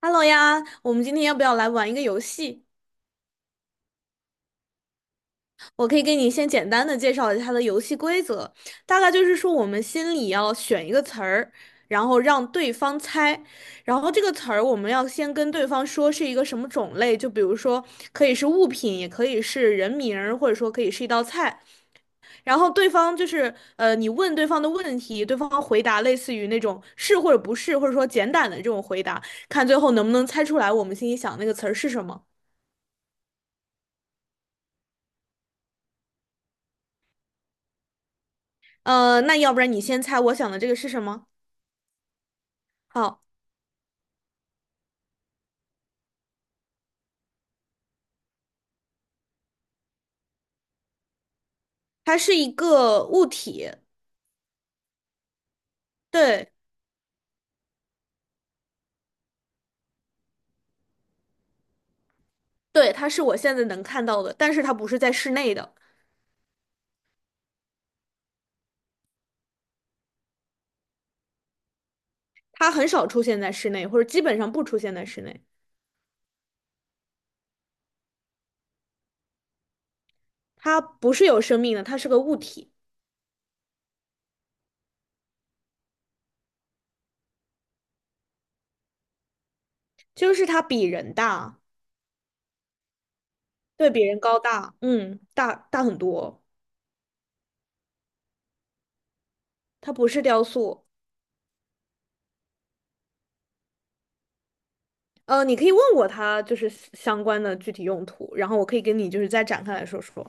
Hello 呀，我们今天要不要来玩一个游戏？我可以给你先简单的介绍一下它的游戏规则，大概就是说我们心里要选一个词儿，然后让对方猜，然后这个词儿我们要先跟对方说是一个什么种类，就比如说可以是物品，也可以是人名儿，或者说可以是一道菜。然后对方就是你问对方的问题，对方回答类似于那种是或者不是，或者说简短的这种回答，看最后能不能猜出来我们心里想那个词儿是什么。那要不然你先猜我想的这个是什么？好，它是一个物体，对对，它是我现在能看到的，但是它不是在室内的，它很少出现在室内，或者基本上不出现在室内。它不是有生命的，它是个物体，就是它比人大，对，比人高大，嗯，大很多。它不是雕塑，你可以问我它就是相关的具体用途，然后我可以跟你就是再展开来说说。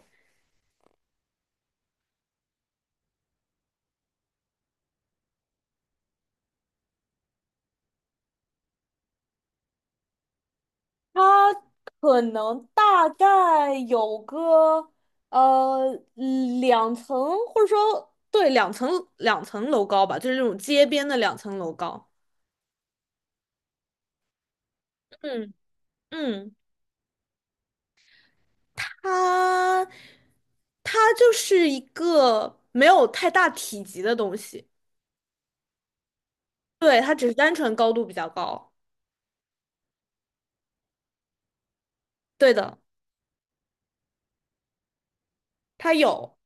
它可能大概有个两层，或者说两层两层楼高吧，就是那种街边的两层楼高。嗯嗯，它它就是一个没有太大体积的东西，对，它只是单纯高度比较高。对的，它有，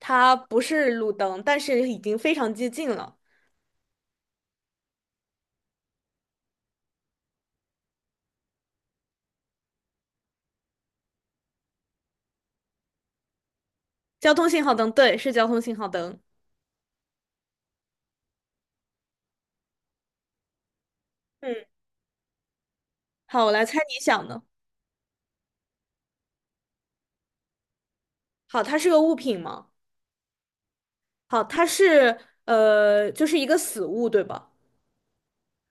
它不是路灯，但是已经非常接近了。交通信号灯，对，是交通信号灯。嗯，好，我来猜你想的。好，它是个物品吗？好，它是就是一个死物，对吧？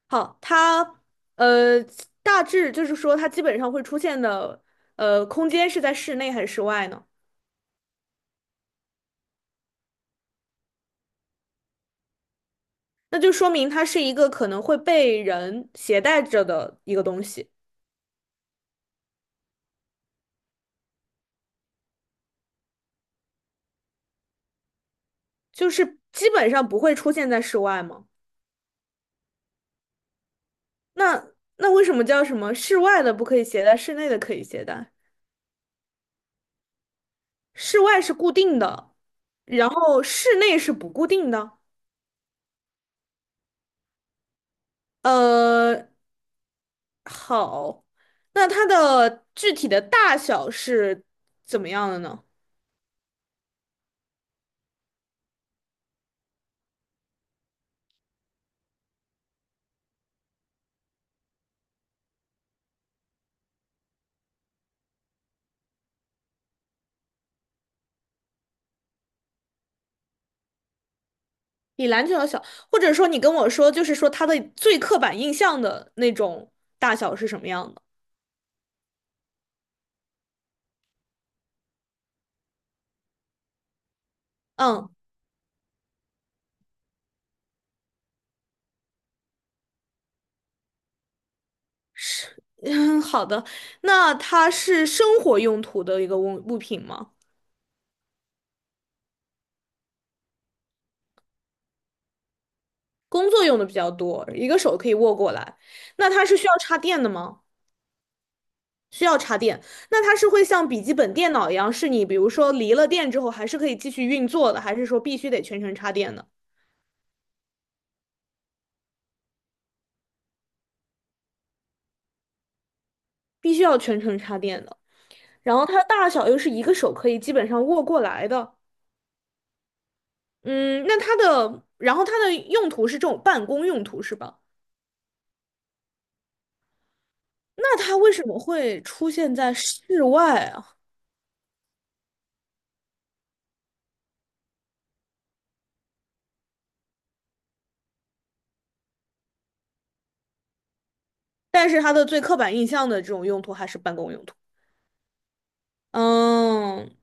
好，它呃，大致就是说，它基本上会出现的空间是在室内还是室外呢？那就说明它是一个可能会被人携带着的一个东西，就是基本上不会出现在室外吗？那那为什么叫什么室外的不可以携带，室内的可以携带？室外是固定的，然后室内是不固定的。呃，好，那它的具体的大小是怎么样的呢？比篮球要小，或者说你跟我说，就是说它的最刻板印象的那种大小是什么样的？嗯，是，嗯，好的。那它是生活用途的一个物品吗？工作用的比较多，一个手可以握过来。那它是需要插电的吗？需要插电。那它是会像笔记本电脑一样，是你比如说离了电之后还是可以继续运作的，还是说必须得全程插电的？必须要全程插电的。然后它的大小又是一个手可以基本上握过来的。嗯，那它的，然后它的用途是这种办公用途是吧？那它为什么会出现在室外啊？但是它的最刻板印象的这种用途还是办公用途。嗯，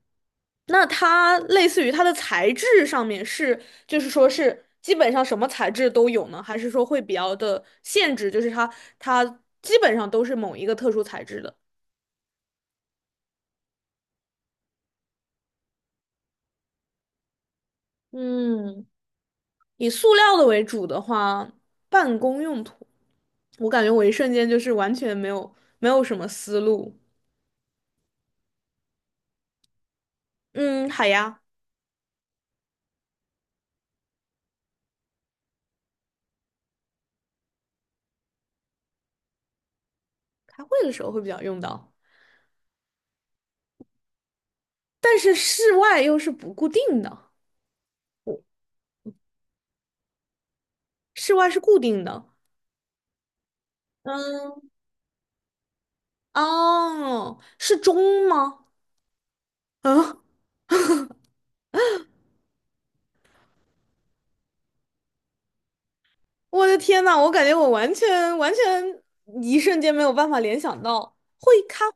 那它类似于它的材质上面是，就是说是基本上什么材质都有呢？还是说会比较的限制，就是它基本上都是某一个特殊材质的？嗯，以塑料的为主的话，办公用途，我感觉我一瞬间就是完全没有什么思路。嗯，好呀，开会的时候会比较用到，但是室外又是不固定的，室外是固定的。嗯，哦，是钟吗？啊，我的天呐，我感觉我完全一瞬间没有办法联想到会看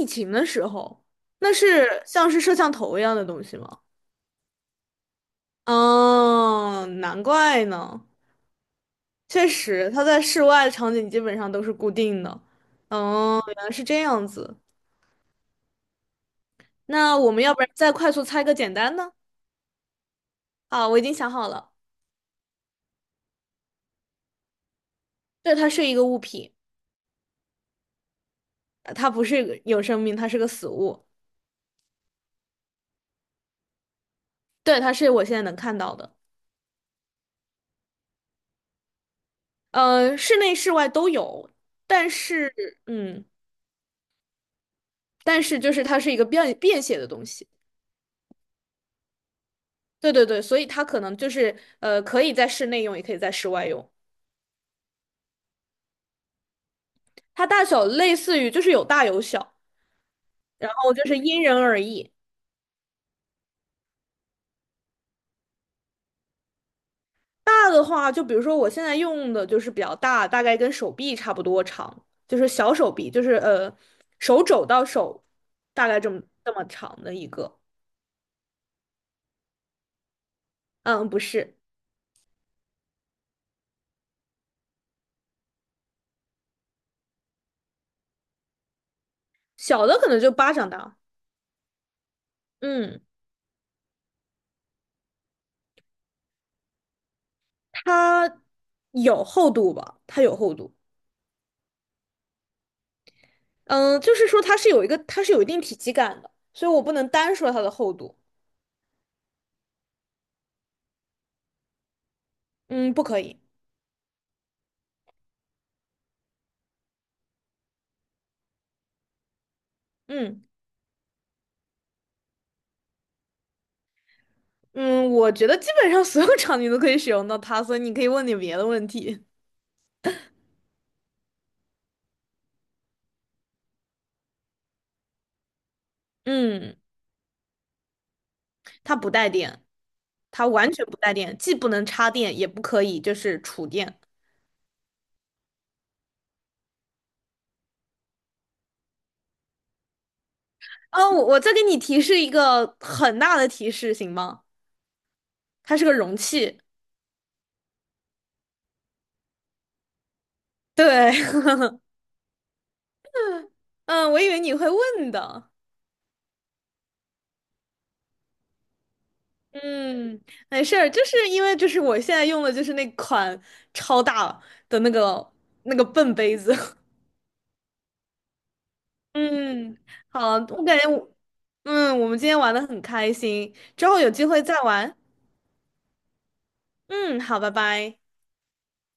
疫情的时候，那是像是摄像头一样的东西吗？哦，难怪呢，确实，它在室外的场景基本上都是固定的。哦，原来是这样子。那我们要不然再快速猜个简单的？啊，我已经想好了，对，它是一个物品，它不是一个有生命，它是个死物。对，它是我现在能看到的。室内室外都有，但是，嗯，但是就是它是一个便携的东西。对对对，所以它可能就是可以在室内用，也可以在室外用。它大小类似于就是有大有小，然后就是因人而异。大的话，就比如说我现在用的就是比较大，大概跟手臂差不多长，就是小手臂，就是手肘到手大概这么长的一个。嗯，不是，小的可能就巴掌大。嗯，它有厚度吧？它有厚度。嗯，就是说它是有一个，它是有一定体积感的，所以我不能单说它的厚度。嗯，不可以。嗯。嗯，我觉得基本上所有 场景都可以使用到它，所以你可以问点别的问题。嗯，它不带电，它完全不带电，既不能插电，也不可以就是储电。啊，我再给你提示一个很大的提示，行吗？它是个容器。对，嗯，我以为你会问的。嗯，没事儿，就是因为就是我现在用的就是那款超大的那个笨杯子。嗯，好，我感觉我。嗯，我们今天玩的很开心，之后有机会再玩。嗯，好，拜拜。